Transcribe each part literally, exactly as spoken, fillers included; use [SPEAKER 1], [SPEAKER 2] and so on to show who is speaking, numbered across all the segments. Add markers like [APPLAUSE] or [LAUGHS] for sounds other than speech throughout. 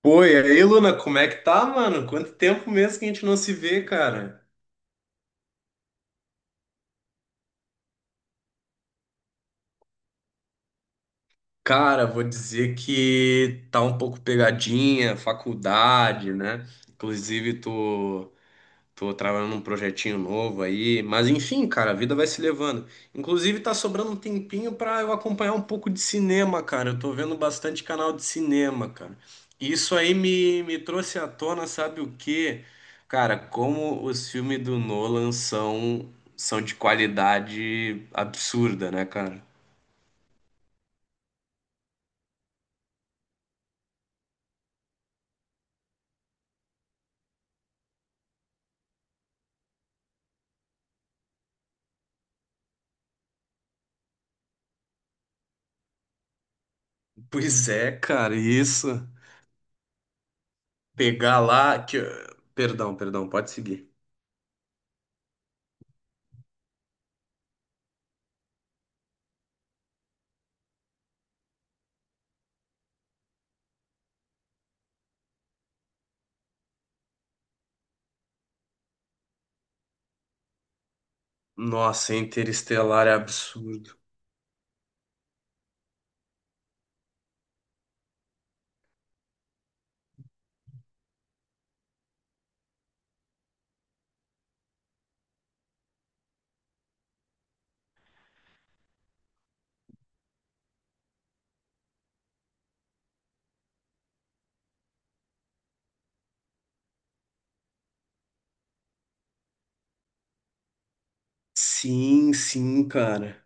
[SPEAKER 1] Pô, e aí, Luna, como é que tá, mano? Quanto tempo mesmo que a gente não se vê, cara? Cara, vou dizer que tá um pouco pegadinha, faculdade, né? Inclusive, tu. Tô trabalhando num projetinho novo aí, mas enfim, cara, a vida vai se levando. Inclusive, tá sobrando um tempinho pra eu acompanhar um pouco de cinema, cara. Eu tô vendo bastante canal de cinema, cara. E isso aí me, me trouxe à tona, sabe o quê? Cara, como os filmes do Nolan são, são de qualidade absurda, né, cara? Pois é, cara, isso. Pegar lá que. Perdão, perdão, pode seguir. Nossa, Interestelar é absurdo. Sim, sim, cara.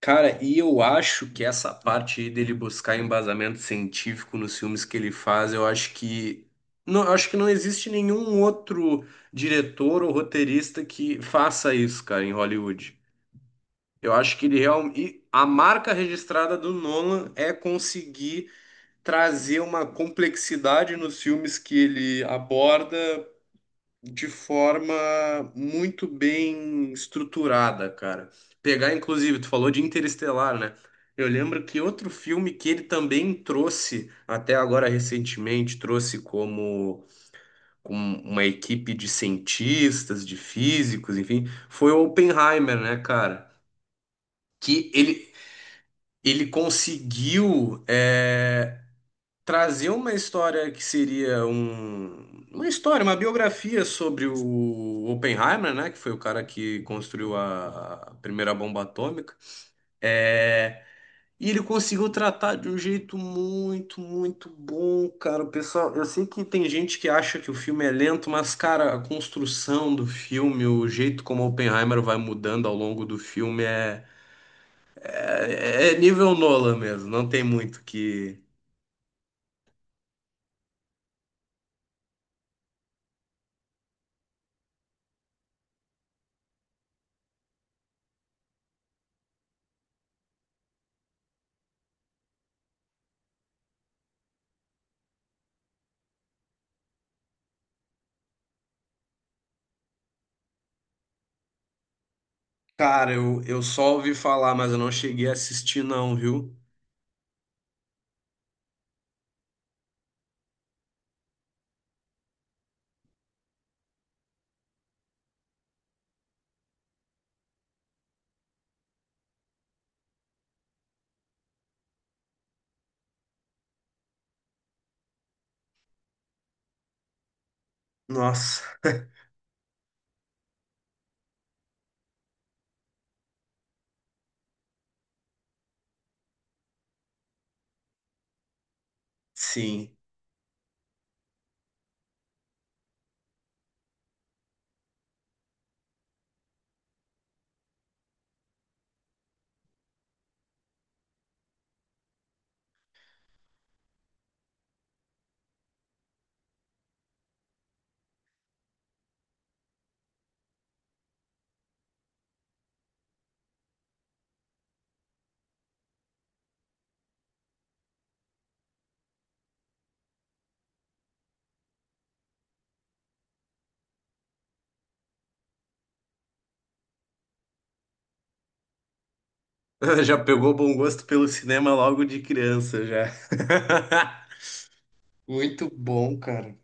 [SPEAKER 1] Cara, e eu acho que essa parte aí dele buscar embasamento científico nos filmes que ele faz, eu acho que não, eu acho que não existe nenhum outro diretor ou roteirista que faça isso, cara, em Hollywood. Eu acho que ele realmente a marca registrada do Nolan é conseguir trazer uma complexidade nos filmes que ele aborda de forma muito bem estruturada, cara. Pegar, inclusive, tu falou de Interestelar, né? Eu lembro que outro filme que ele também trouxe, até agora recentemente, trouxe como, como uma equipe de cientistas, de físicos, enfim, foi o Oppenheimer, né, cara? Que ele, ele conseguiu, eh, trazer uma história que seria um, uma história, uma biografia sobre o Oppenheimer, né, que foi o cara que construiu a a primeira bomba atômica. É, e ele conseguiu tratar de um jeito muito, muito bom, cara. O pessoal, eu sei que tem gente que acha que o filme é lento, mas, cara, a construção do filme, o jeito como Oppenheimer vai mudando ao longo do filme é, é, é nível Nolan mesmo. Não tem muito que. Cara, eu, eu só ouvi falar, mas eu não cheguei a assistir, não, viu? Nossa, sim. [LAUGHS] Já pegou bom gosto pelo cinema logo de criança, já. [LAUGHS] Muito bom, cara.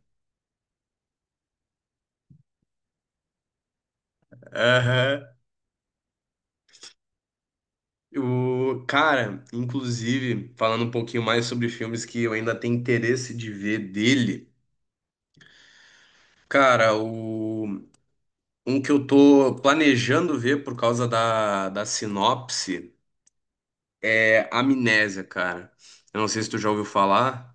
[SPEAKER 1] Aham. O, cara, inclusive, falando um pouquinho mais sobre filmes que eu ainda tenho interesse de ver dele, cara, o, um que eu tô planejando ver por causa da, da sinopse é Amnésia, cara. Eu não sei se tu já ouviu falar.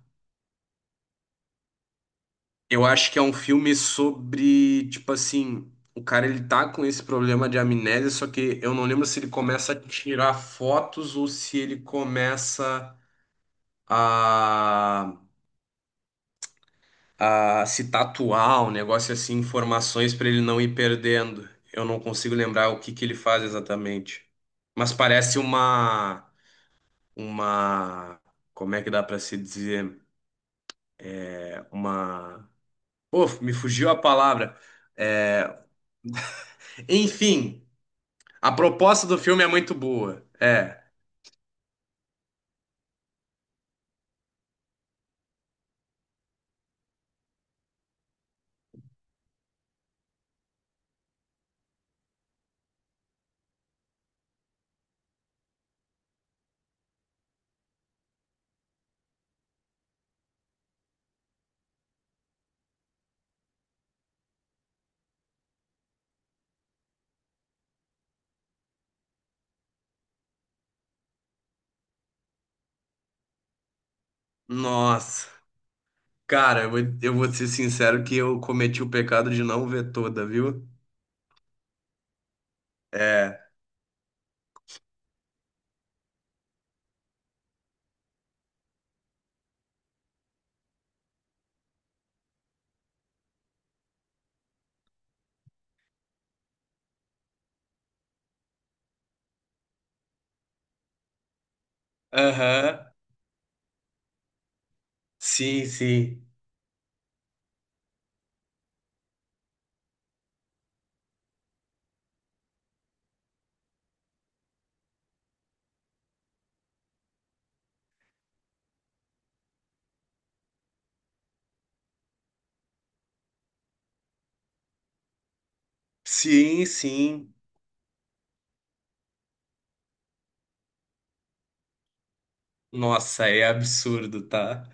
[SPEAKER 1] Eu acho que é um filme sobre, tipo assim, o cara ele tá com esse problema de amnésia, só que eu não lembro se ele começa a tirar fotos ou se ele começa a, a se tatuar, um negócio assim, informações pra ele não ir perdendo. Eu não consigo lembrar o que que ele faz exatamente. Mas parece uma, uma, como é que dá pra se dizer? Uma, pô, me fugiu a palavra. É, enfim, a proposta do filme é muito boa. É. Nossa. Cara, eu vou, eu vou ser sincero que eu cometi o pecado de não ver toda, viu? É. Aham. Sim, sim. Sim, sim. Nossa, é absurdo, tá?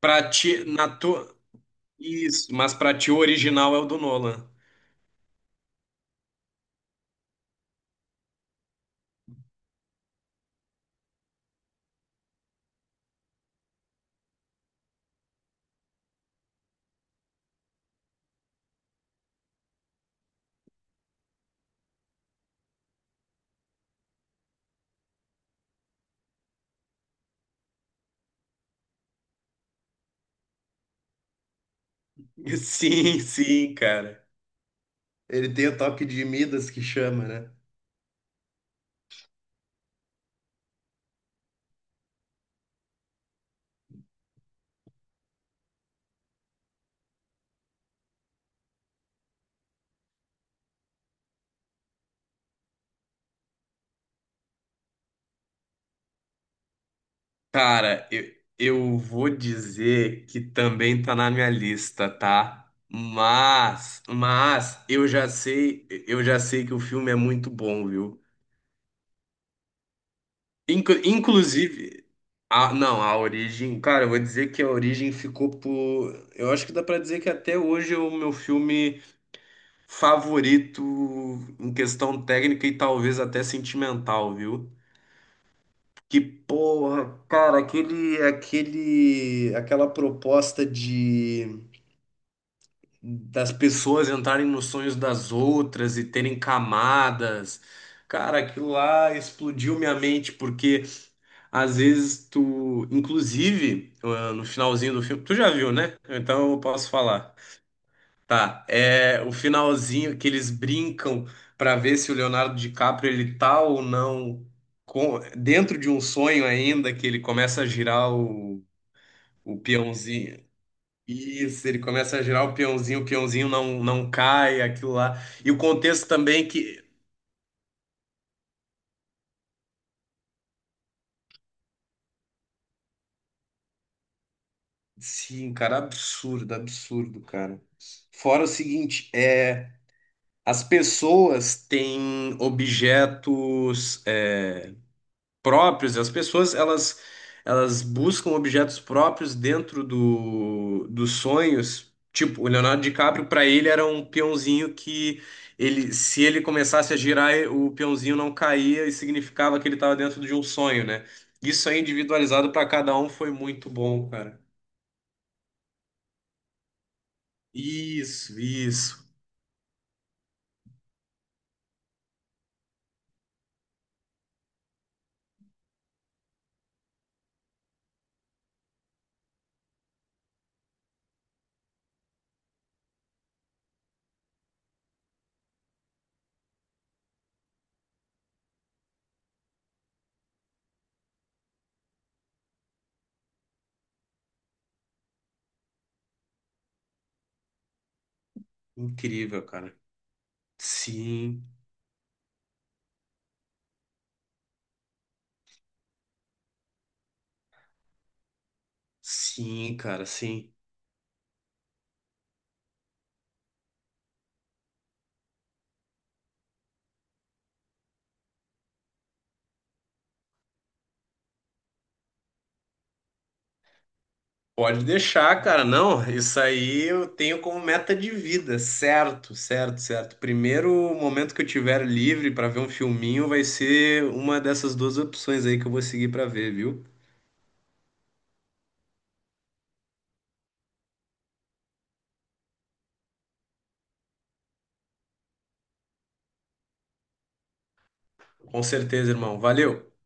[SPEAKER 1] Pra ti, na tua. Isso, mas pra ti o original é o do Nolan. [LAUGHS] Sim, sim, cara. Ele tem o toque de Midas que chama, né? Cara, eu, eu vou dizer que também tá na minha lista, tá? Mas, mas eu já sei, eu já sei que o filme é muito bom, viu? Inclu- inclusive, a, não, a Origem, cara, eu vou dizer que a Origem ficou por, eu acho que dá pra dizer que até hoje é o meu filme favorito em questão técnica e talvez até sentimental, viu? Que porra, cara, aquele, aquele, aquela proposta de das pessoas entrarem nos sonhos das outras e terem camadas. Cara, aquilo lá explodiu minha mente, porque às vezes tu, inclusive, ah, no finalzinho do filme, tu já viu, né? Então eu posso falar. Tá, é o finalzinho que eles brincam pra ver se o Leonardo DiCaprio ele tá ou não com- dentro de um sonho ainda, que ele começa a girar o, o peãozinho. Isso, ele começa a girar o peãozinho, o peãozinho não, não cai, aquilo lá. E o contexto também que sim, cara, absurdo, absurdo, cara. Fora o seguinte, é as pessoas têm objetos é, próprios, as pessoas elas elas buscam objetos próprios dentro do, dos sonhos. Tipo, o Leonardo DiCaprio para ele era um peãozinho que ele se ele começasse a girar, o peãozinho não caía e significava que ele estava dentro de um sonho, né? Isso aí individualizado para cada um foi muito bom, cara. Isso, isso. Incrível, cara. Sim, sim, cara, sim. Pode deixar, cara. Não, isso aí eu tenho como meta de vida, certo, certo, certo. Primeiro momento que eu tiver livre para ver um filminho vai ser uma dessas duas opções aí que eu vou seguir para ver, viu? Com certeza, irmão. Valeu.